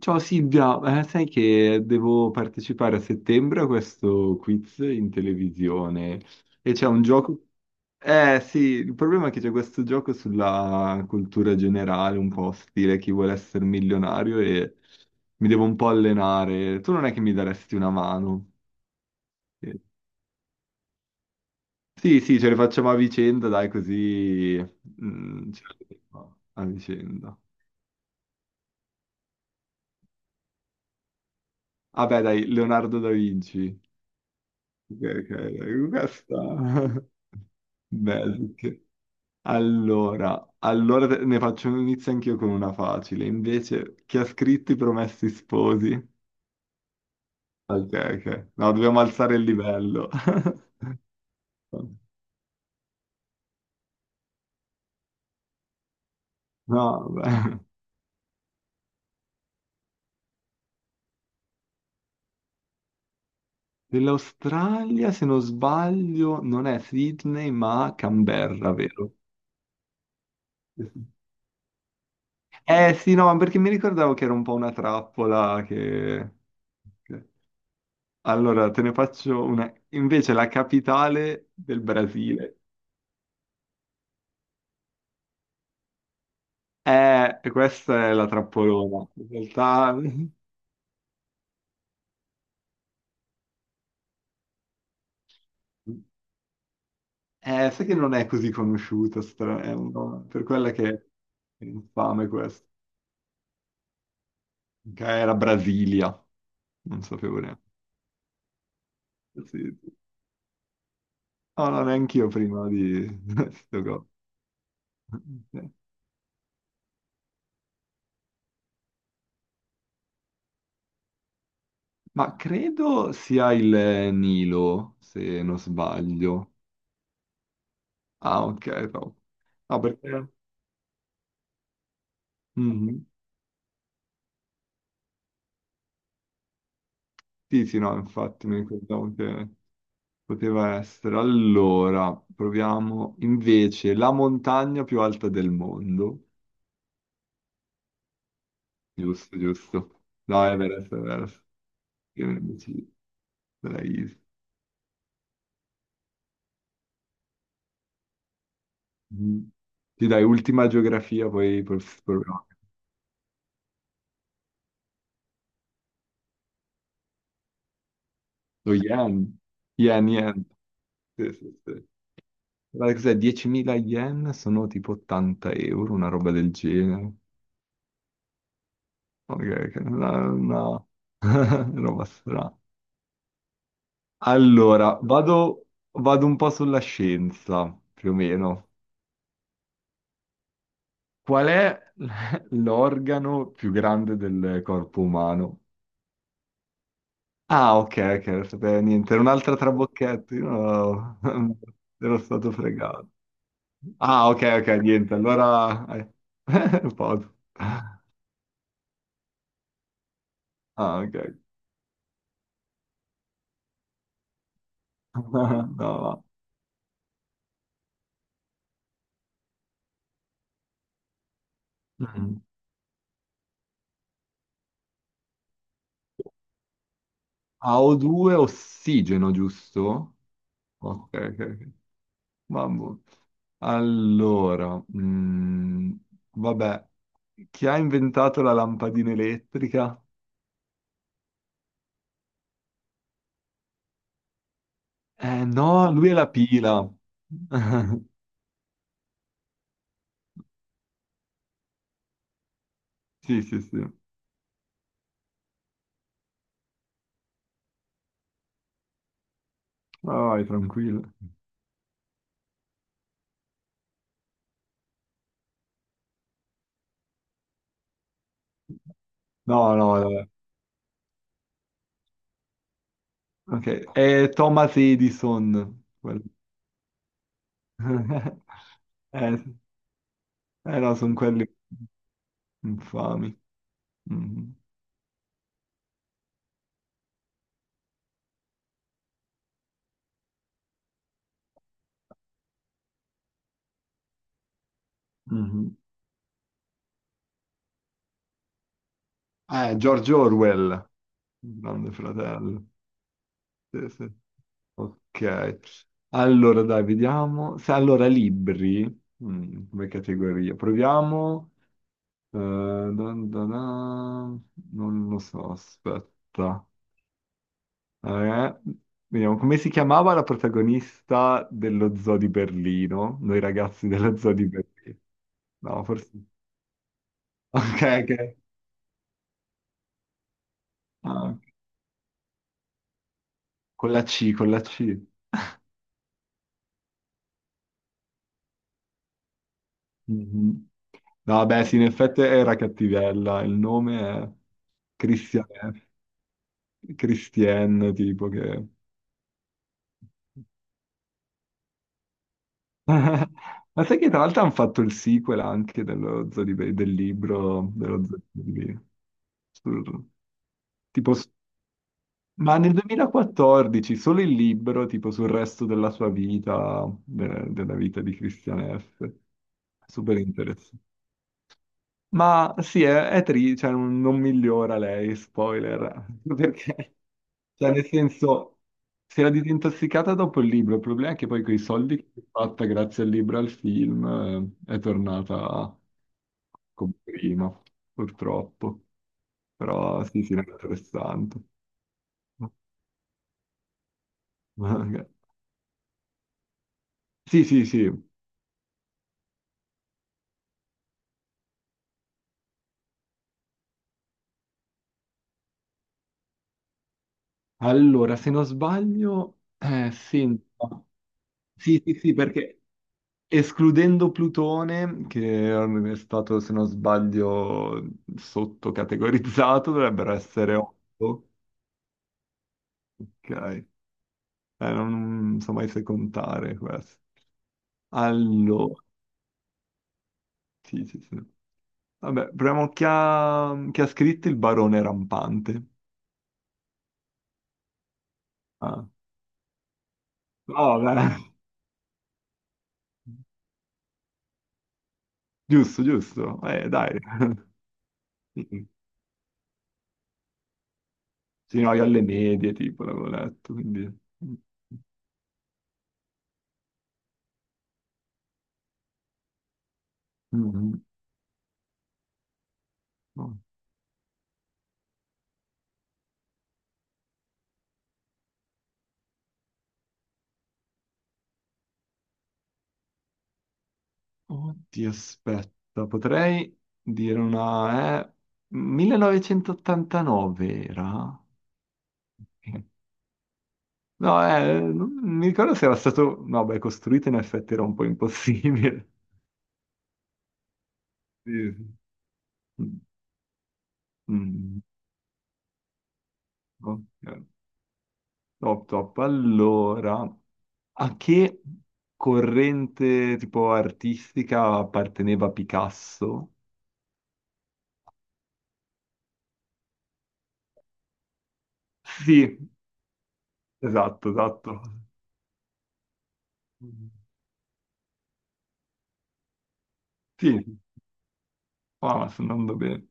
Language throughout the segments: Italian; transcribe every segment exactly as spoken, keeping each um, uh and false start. Ciao Silvia, eh, sai che devo partecipare a settembre a questo quiz in televisione e c'è un gioco. Eh sì, il problema è che c'è questo gioco sulla cultura generale, un po' stile chi vuole essere milionario e mi devo un po' allenare. Tu non è che mi daresti una mano? Eh, Sì, sì, ce le facciamo a vicenda, dai, così. Mm, ce le facciamo a vicenda. Vabbè, dai, Leonardo da Vinci. Ok, ok, questa... Basic. Allora, allora te- ne faccio un inizio anch'io con una facile. Invece, chi ha scritto I Promessi Sposi? Ok, ok. No, dobbiamo alzare il livello. No, vabbè. Dell'Australia, se non sbaglio, non è Sydney, ma Canberra, vero? Eh sì, no, ma perché mi ricordavo che era un po' una trappola che... Allora, te ne faccio una. Invece la capitale del Brasile. Eh, questa è la trappolona. In realtà, eh, sai che non è così conosciuta, stra- è un nome- per quella che è infame questa. Che era Brasilia, non sapevo neanche. Sì, sì. No, no, neanche io prima di sto co- ma credo sia il Nilo, se non sbaglio. Ah, ok, no. No, perché... Mhm. Sì, sì, no, infatti mi ricordavo che poteva essere. Allora, proviamo invece la montagna più alta del mondo. Giusto, giusto. No, Everest, Everest. Io invece della Is. Mm. Sì, dai, ultima geografia, poi pro- proviamo. Lo yen. Yen, yen. Sì, sì, sì. Guarda cos'è, diecimila yen sono tipo ottanta euro, una roba del genere. Ok, ok, una, una- roba strana. Allora, vado, vado un po' sulla scienza, più o meno. Qual è l- l'organo più grande del corpo umano? Ah, ok, ok, non sapevo niente. Era un'altra trabocchetta, io no, ero stato fregato. Ah, ok, ok, niente, allora... eh, posso. Ah, ok. No, va. Mm. a o due ossigeno, giusto? Ok, ok, ok. Mamma. Allora, mm, vabbè, chi ha inventato la lampadina elettrica? Eh no, lui è la pila. Sì, sì, sì. Vai, vai, tranquillo. No, no, vabbè. Ok, è Thomas Edison, quello. Eh, eh no, sono quelli infami. Mhm, mhm. Eh, George Orwell, il Grande Fratello. Sì, sì. Ok, allora dai, vediamo. Se, allora, libri, mm, come categoria, proviamo. Eh, dun dun dun. Non lo so, aspetta. Eh, vediamo, come si chiamava la protagonista dello zoo di Berlino? Noi ragazzi dello zoo di Berlino. No, forse... Ok, ok. Ah, con la C, con la C. Mhm. No, beh, sì, in effetti era cattivella. Il nome è Christiane, Christiane, tipo che... Ma sai che tra l'altro hanno fatto il sequel anche dello Zoo di Be- del libro dello Zoo di Be- sul- Tipo, s- ma nel duemilaquattordici solo il libro, tipo sul resto della sua vita, de- della vita di Christian F. Super interessante. Ma sì, è, è tri- cioè, non, non migliora lei, spoiler, perché, cioè, nel senso, si era disintossicata dopo il libro, il problema è che poi quei soldi che si è fatta grazie al libro e al film eh, è tornata come prima, purtroppo, però sì, sì, era interessante. Sì, sì, sì. Allora, se non sbaglio, eh, senta. Sì, sì, sì, perché... Escludendo Plutone, che è stato, se non sbaglio, sottocategorizzato, dovrebbero essere otto. Ok. Eh, non so mai se contare questo. Allora, sì, sì, sì. Vabbè, proviamo chi ha, chi ha scritto il Barone Rampante. Ah. Oh, beh. Giusto, giusto. Eh, dai. Sì, sì, no, io alle medie, tipo, l'avevo letto, quindi... Mhm. Oddio, aspetta, potrei dire una... Eh, millenovecentottantanove era? Ok. No, eh, non mi ricordo se era stato... No, beh, costruito in effetti era un po' impossibile. Sì. Mm, mm, mm. Ok. Top, top. Allora, a che corrente tipo artistica apparteneva Picasso? Sì, esatto, esatto. Sì, ah, sto andando bene.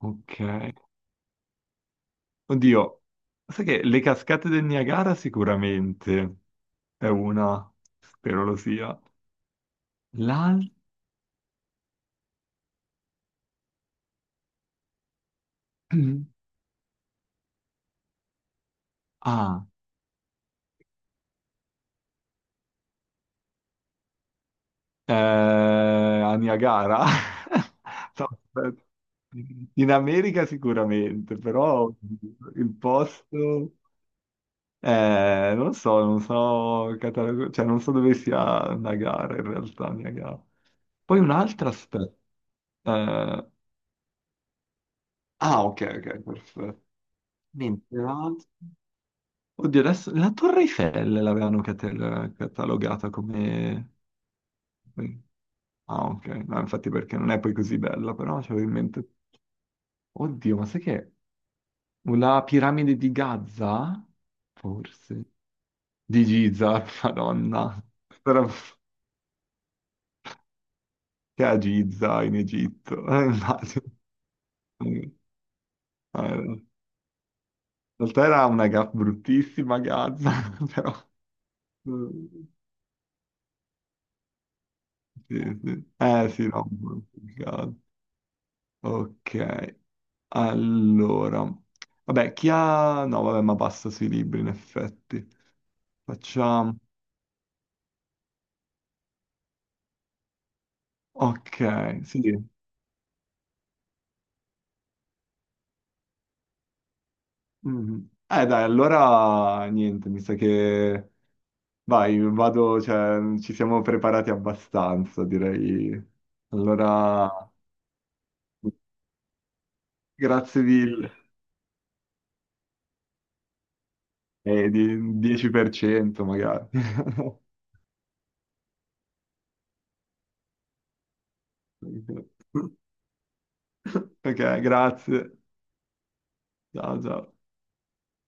Ok. Oddio, sai che le cascate del Niagara sicuramente è una, spero lo sia. L'al... Ah, eh, a Niagara? No, aspetta. In America sicuramente, però il posto... eh, non so, non so, catalogo- cioè non so dove sia Niagara in realtà, Niagara. Poi un'altra aspetta. Eh, ah, ok, ok, perfetto. Mentre l'altro- Oddio, adesso la Torre Eiffel l'avevano cate- catalogata come... Ah, ok, no, infatti perché non è poi così bella, però c'avevo in mente... Oddio, ma sai che... La piramide di Gaza? Forse. Di Giza, madonna. Però che a Giza in Egitto. Eh, immagino. Eh, In realtà era una ga- bruttissima Gaza, però... Eh, sì, sì. Eh sì, no. Ok, allora. Vabbè, chi ha... No, vabbè, ma basta sui libri, in effetti. Facciamo... Ok, sì. Mhm. Eh dai, allora niente, mi sa che... Vai, vado, cioè, ci siamo preparati abbastanza, direi. Allora, grazie mille. Eh, di- dieci per cento magari. Ok, grazie. Ciao, ciao.